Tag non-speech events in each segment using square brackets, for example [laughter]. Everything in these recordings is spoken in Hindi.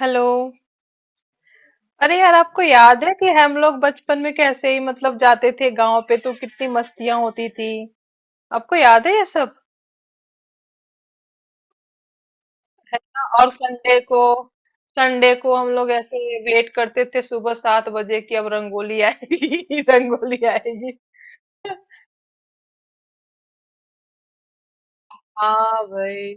हेलो। अरे यार, आपको याद है कि हम लोग बचपन में कैसे ही जाते थे गांव पे, तो कितनी मस्तियां होती थी। आपको याद है ये सब? है ना। और संडे को, संडे को हम लोग ऐसे वेट करते थे सुबह सात बजे कि अब रंगोली आएगी। [laughs] रंगोली आएगी। हाँ भाई।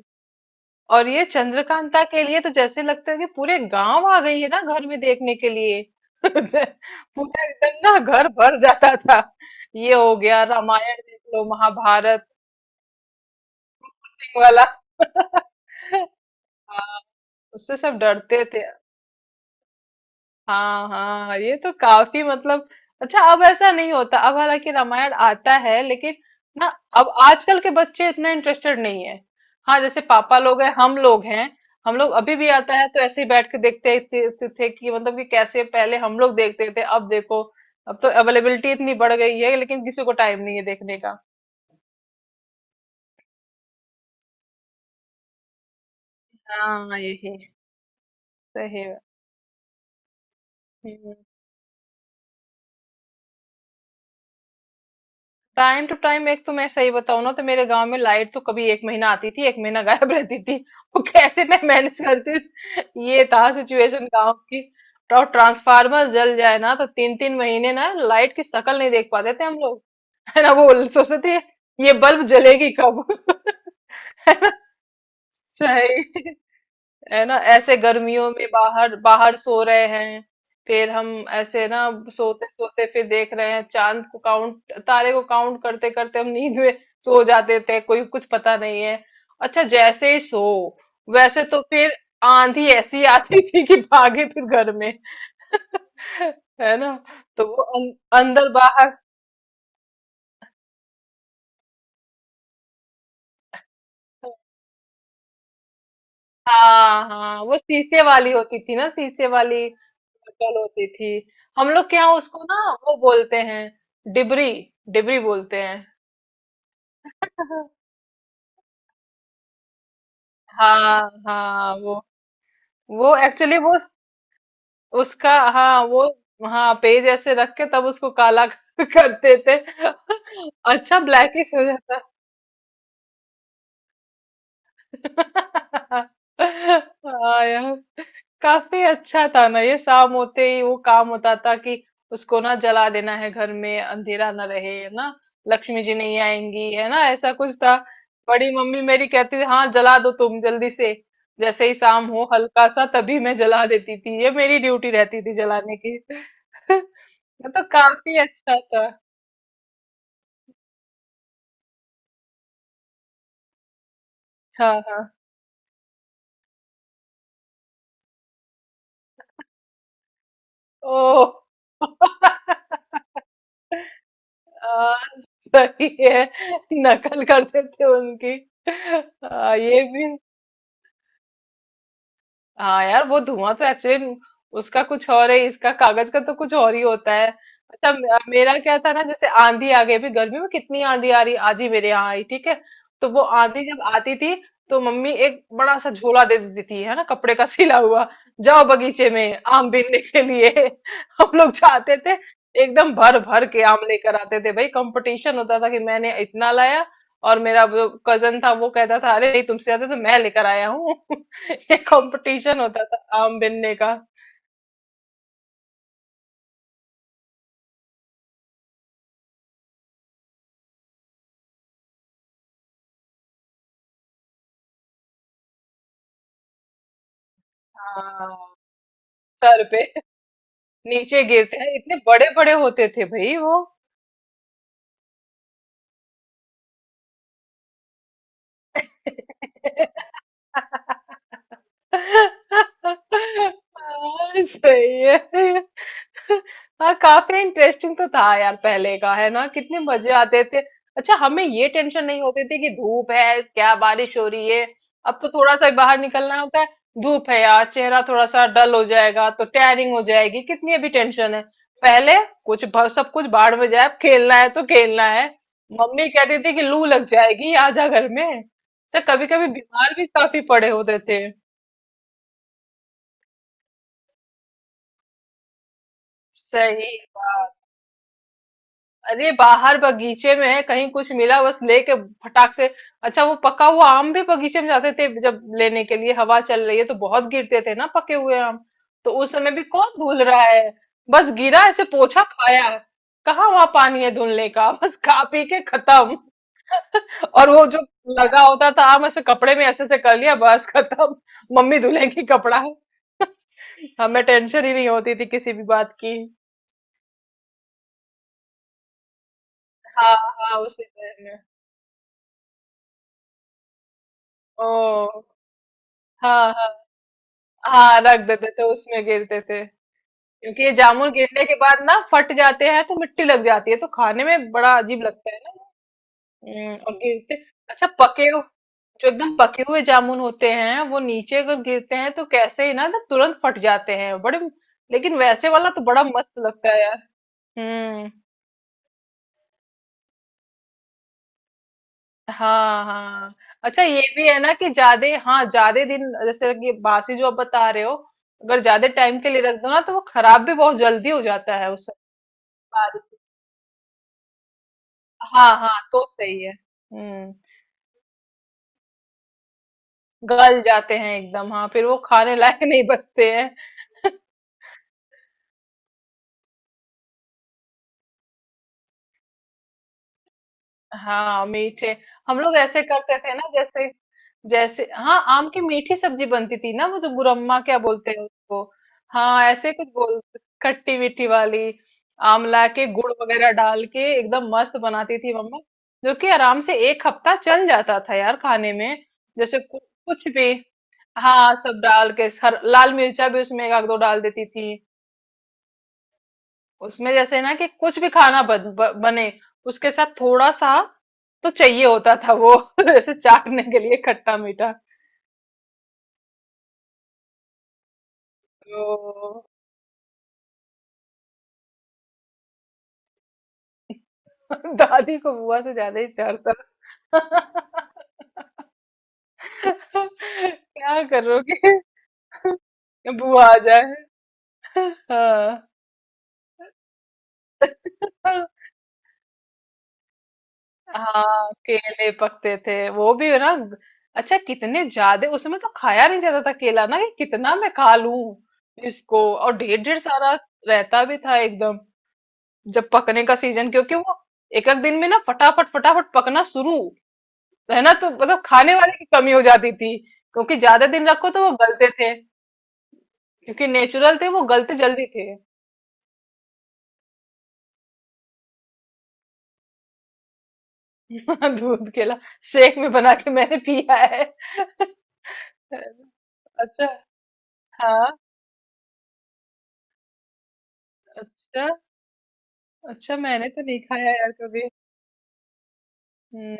और ये चंद्रकांता के लिए तो जैसे लगता है कि पूरे गांव आ गई है ना घर में देखने के लिए। [laughs] पूरा एकदम ना घर भर जाता था। ये हो गया रामायण, देख लो महाभारत वाला। [laughs] हाँ, उससे सब डरते थे। हाँ हाँ, ये तो काफी मतलब अच्छा, अब ऐसा नहीं होता। अब हालांकि रामायण आता है लेकिन ना, अब आजकल के बच्चे इतना इंटरेस्टेड नहीं है। हाँ, जैसे पापा लोग हैं, हम लोग हैं। हम लोग अभी भी आता है तो ऐसे ही बैठ के देखते थे कि मतलब कि कैसे पहले हम लोग देखते थे, अब देखो, अब तो अवेलेबिलिटी इतनी बढ़ गई है लेकिन किसी को टाइम नहीं है देखने का। हाँ यही सही है। हम्म। टाइम टू टाइम एक तो मैं सही बताऊं ना, तो मेरे गांव में लाइट तो कभी एक महीना आती थी, एक महीना गायब रहती थी। वो कैसे मैं मैनेज करती थी? ये था सिचुएशन गांव की। और ट्रांसफार्मर जल जाए ना, तो तीन तीन महीने ना लाइट की शक्ल नहीं देख पाते थे हम लोग। है ना। वो सोचते थे, ये बल्ब जलेगी कब। [laughs] है ना। सही। है ना, ऐसे गर्मियों में बाहर बाहर सो रहे हैं, फिर हम ऐसे ना सोते सोते फिर देख रहे हैं चांद को, काउंट तारे को काउंट करते करते हम नींद में सो जाते थे, कोई कुछ पता नहीं है। अच्छा जैसे ही सो, वैसे तो फिर आंधी ऐसी आती थी कि भागे फिर घर में, है ना। तो वो अंदर बाहर। हाँ, हाँ, वो शीशे वाली होती थी ना, शीशे वाली बोतल होती थी। हम लोग के यहाँ उसको ना वो बोलते हैं डिबरी। डिबरी बोलते हैं। [laughs] हाँ हाँ वो एक्चुअली वो उसका, हाँ वो, हाँ पेज ऐसे रख के तब उसको काला [laughs] करते थे। अच्छा ब्लैकिश हो जाता। [laughs] हाँ यार, काफी अच्छा था ना। ये शाम होते ही वो काम होता था कि उसको ना जला देना है, घर में अंधेरा ना रहे, है ना, लक्ष्मी जी नहीं आएंगी, है ना, ऐसा कुछ था। बड़ी मम्मी मेरी कहती थी, हाँ जला दो तुम जल्दी से। जैसे ही शाम हो हल्का सा तभी मैं जला देती थी, ये मेरी ड्यूटी रहती थी जलाने की। [laughs] ये तो काफी अच्छा था। हाँ हाँ। ओ। [laughs] आ, सही है। नकल करते थे उनकी। ये भी। हाँ यार, वो धुआं तो एक्चुअली उसका कुछ और है, इसका कागज का तो कुछ और ही होता है। अच्छा, मेरा क्या था ना, जैसे आंधी आ गई अभी गर्मी में, कितनी आंधी आ रही, आज ही मेरे यहाँ आई, ठीक है। तो वो आंधी जब आती थी तो मम्मी एक बड़ा सा झोला दे देती थी, है ना, कपड़े का सिला हुआ। जाओ बगीचे में आम बीनने के लिए। [laughs] हम लोग जाते थे। एकदम भर भर के आम लेकर आते थे भाई, कंपटीशन होता था कि मैंने इतना लाया। और मेरा जो कजन था वो कहता था, अरे नहीं तुमसे ज्यादा तो मैं लेकर आया हूँ। [laughs] ये कंपटीशन होता था आम बिनने का। हाँ, सर पे नीचे गिरते हैं, इतने बड़े बड़े होते थे भाई वो। [laughs] हाँ, सही है। हाँ काफी इंटरेस्टिंग तो था यार पहले का, है ना, कितने मजे आते थे। अच्छा, हमें ये टेंशन नहीं होती थी कि धूप है, क्या बारिश हो रही है। अब तो थोड़ा सा बाहर निकलना होता है, धूप है यार, चेहरा थोड़ा सा डल हो जाएगा, तो टैनिंग हो जाएगी, कितनी अभी टेंशन है। पहले कुछ सब कुछ बाहर में जाए, अब खेलना है तो खेलना है। मम्मी कहती थी कि लू लग जाएगी, आ जा घर में। अच्छा, कभी कभी बीमार भी काफी पड़े होते थे। सही बात। अरे बाहर बगीचे में है कहीं, कुछ मिला बस लेके फटाक से। अच्छा वो पका हुआ आम भी बगीचे में जाते थे जब लेने के लिए, हवा चल रही है तो बहुत गिरते थे ना पके हुए आम। तो उस समय भी कौन धुल रहा है, बस गिरा ऐसे पोछा खाया। कहाँ वहां पानी है धुलने का। [laughs] बस खा पी के खत्म। और वो जो लगा होता था आम ऐसे कपड़े में ऐसे ऐसे कर लिया, बस खत्म। मम्मी धुलेंगी कपड़ा, हमें टेंशन ही नहीं होती थी किसी भी बात की। हाँ हाँ उसी टाइम में। ओ, हाँ हाँ। हाँ रख देते थे, उसमें गिरते थे। क्योंकि ये जामुन गिरने के बाद ना फट जाते हैं, तो मिट्टी लग जाती है, तो खाने में बड़ा अजीब लगता है ना। और गिरते। अच्छा, जो एकदम पके हुए जामुन होते हैं वो नीचे अगर गिरते हैं तो कैसे ही ना ना तुरंत फट जाते हैं बड़े। लेकिन वैसे वाला तो बड़ा मस्त लगता है यार। हम्म। हाँ हाँ। अच्छा ये भी है ना कि ज्यादा, हाँ ज्यादा दिन, जैसे कि बासी जो आप बता रहे हो, अगर ज्यादा टाइम के लिए रख दो ना, तो वो खराब भी बहुत जल्दी हो जाता है। उस, हाँ, हाँ, तो सही है। हुँ, गल जाते हैं एकदम, हाँ, फिर वो खाने लायक नहीं बचते हैं। हाँ, मीठे। हम लोग ऐसे करते थे ना, जैसे जैसे, हाँ, आम की मीठी सब्जी बनती थी ना, वो जो गुरम्मा क्या बोलते हैं उसको? हाँ, ऐसे कुछ बोल, खट्टी-मीठी वाली। आम लाके गुड़ वगैरह डाल के एकदम मस्त बनाती थी मम्मा, जो कि आराम से 1 हफ्ता चल जाता था यार खाने में। जैसे कु कुछ भी, हाँ, सब डाल के, हर लाल मिर्चा भी उसमें 1 आध 2 डाल देती थी। उसमें जैसे ना कि कुछ भी खाना बने, उसके साथ थोड़ा सा तो चाहिए होता था वो। [laughs] जैसे चाटने के लिए खट्टा मीठा, तो [laughs] दादी को बुआ से ज्यादा ही प्यार था। [laughs] क्या करोगे। [laughs] बुआ आ जाए। [laughs] हाँ हाँ, केले पकते थे वो भी है ना। अच्छा कितने ज्यादा उसमें तो खाया नहीं जाता था केला ना, कि कितना मैं खा लूं इसको, और ढेर ढेर सारा रहता भी था एकदम, जब पकने का सीजन, क्योंकि वो एक एक दिन में ना फटाफट फटाफट पकना शुरू, है ना, तो मतलब खाने वाले की कमी हो जाती थी। क्योंकि ज्यादा दिन रखो तो वो गलते थे, क्योंकि नेचुरल थे वो, गलते जल्दी थे। [laughs] दूध केला शेक में बना के मैंने पिया है। [laughs] अच्छा। हाँ। अच्छा। अच्छा मैंने तो नहीं खाया यार कभी। हम्म,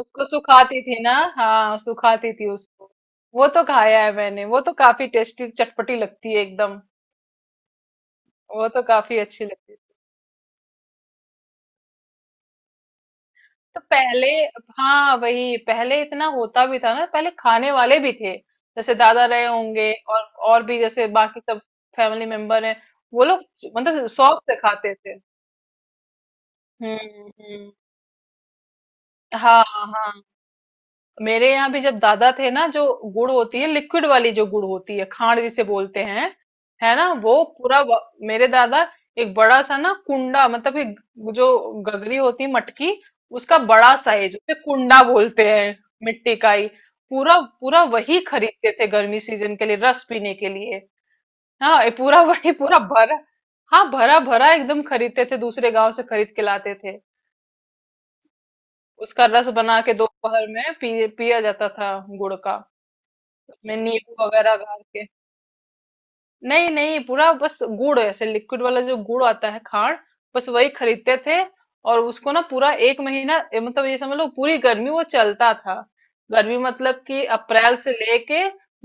उसको सुखाती थी ना, हाँ सुखाती थी उसको। वो तो खाया है मैंने, वो तो काफी टेस्टी चटपटी लगती है एकदम। वो तो काफी अच्छी लगती है। तो पहले, हाँ वही, पहले इतना होता भी था ना, पहले खाने वाले भी थे, जैसे दादा रहे होंगे, और भी जैसे बाकी सब फैमिली मेंबर हैं, वो लोग मतलब शौक से खाते थे। हम्म। हम्म। हाँ। हाँ। मेरे यहाँ भी जब दादा थे ना, जो गुड़ होती है लिक्विड वाली, जो गुड़ होती है, खांड जिसे बोलते हैं, है ना, वो पूरा मेरे दादा, एक बड़ा सा ना कुंडा, मतलब एक, जो गगरी होती है, मटकी, उसका बड़ा साइज उसे कुंडा बोलते हैं, मिट्टी का ही, पूरा पूरा वही खरीदते थे गर्मी सीजन के लिए रस पीने के लिए। हाँ ये पूरा, [laughs] वही पूरा भरा, हाँ, भरा भरा एकदम खरीदते थे, दूसरे गांव से खरीद के लाते थे। उसका रस बना के दोपहर में पिया जाता था गुड़ का, उसमें नींबू वगैरह गाड़ के। नहीं नहीं, पूरा बस गुड़ ऐसे लिक्विड वाला, जो गुड़ आता है खांड, बस वही खरीदते थे। और उसको ना पूरा एक महीना मतलब ये समझ लो पूरी गर्मी वो चलता था। गर्मी मतलब कि अप्रैल से लेके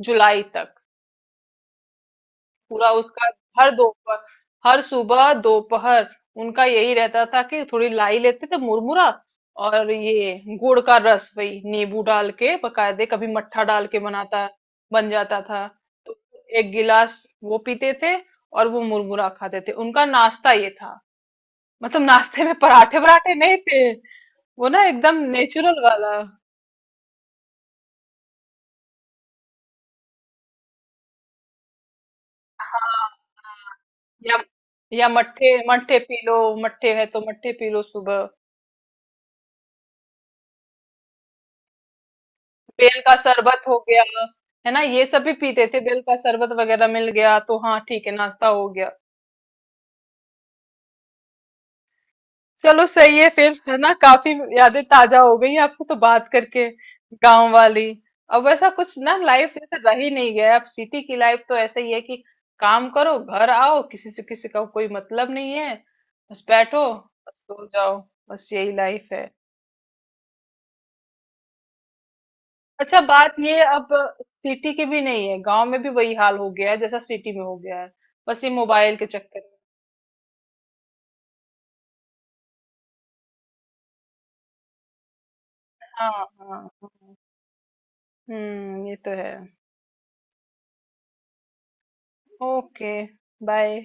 जुलाई तक, पूरा उसका। हर दोपहर, हर सुबह दोपहर उनका यही रहता था कि थोड़ी लाई लेते थे, मुरमुरा, और ये गुड़ का रस, वही नींबू डाल के बकायदे, कभी मट्ठा डाल के बनाता, बन जाता था। तो एक गिलास वो पीते थे और वो मुरमुरा खाते थे, उनका नाश्ता ये था। मतलब नाश्ते में पराठे वराठे नहीं थे, वो ना एकदम नेचुरल वाला। हाँ हाँ। या या मट्ठे, मट्ठे पी लो। मट्ठे है तो मट्ठे पी लो सुबह। बेल का शरबत हो गया, है ना, ये सब भी पीते थे, बेल का शरबत वगैरह मिल गया तो हाँ ठीक है, नाश्ता हो गया। चलो सही है फिर, है ना, काफी यादें ताजा हो गई आपसे तो बात करके, गांव वाली। अब वैसा कुछ ना लाइफ जैसे रह ही नहीं गया। अब सिटी की लाइफ तो ऐसे ही है कि काम करो, घर आओ, किसी से किसी का कोई मतलब नहीं है, बस बैठो, बस सो जाओ, बस यही लाइफ है। अच्छा, बात ये अब सिटी की भी नहीं है, गांव में भी वही हाल हो गया है जैसा सिटी में हो गया है, बस ये मोबाइल के चक्कर में। हाँ हाँ। हाँ। हम्म, ये तो है। Okay, bye.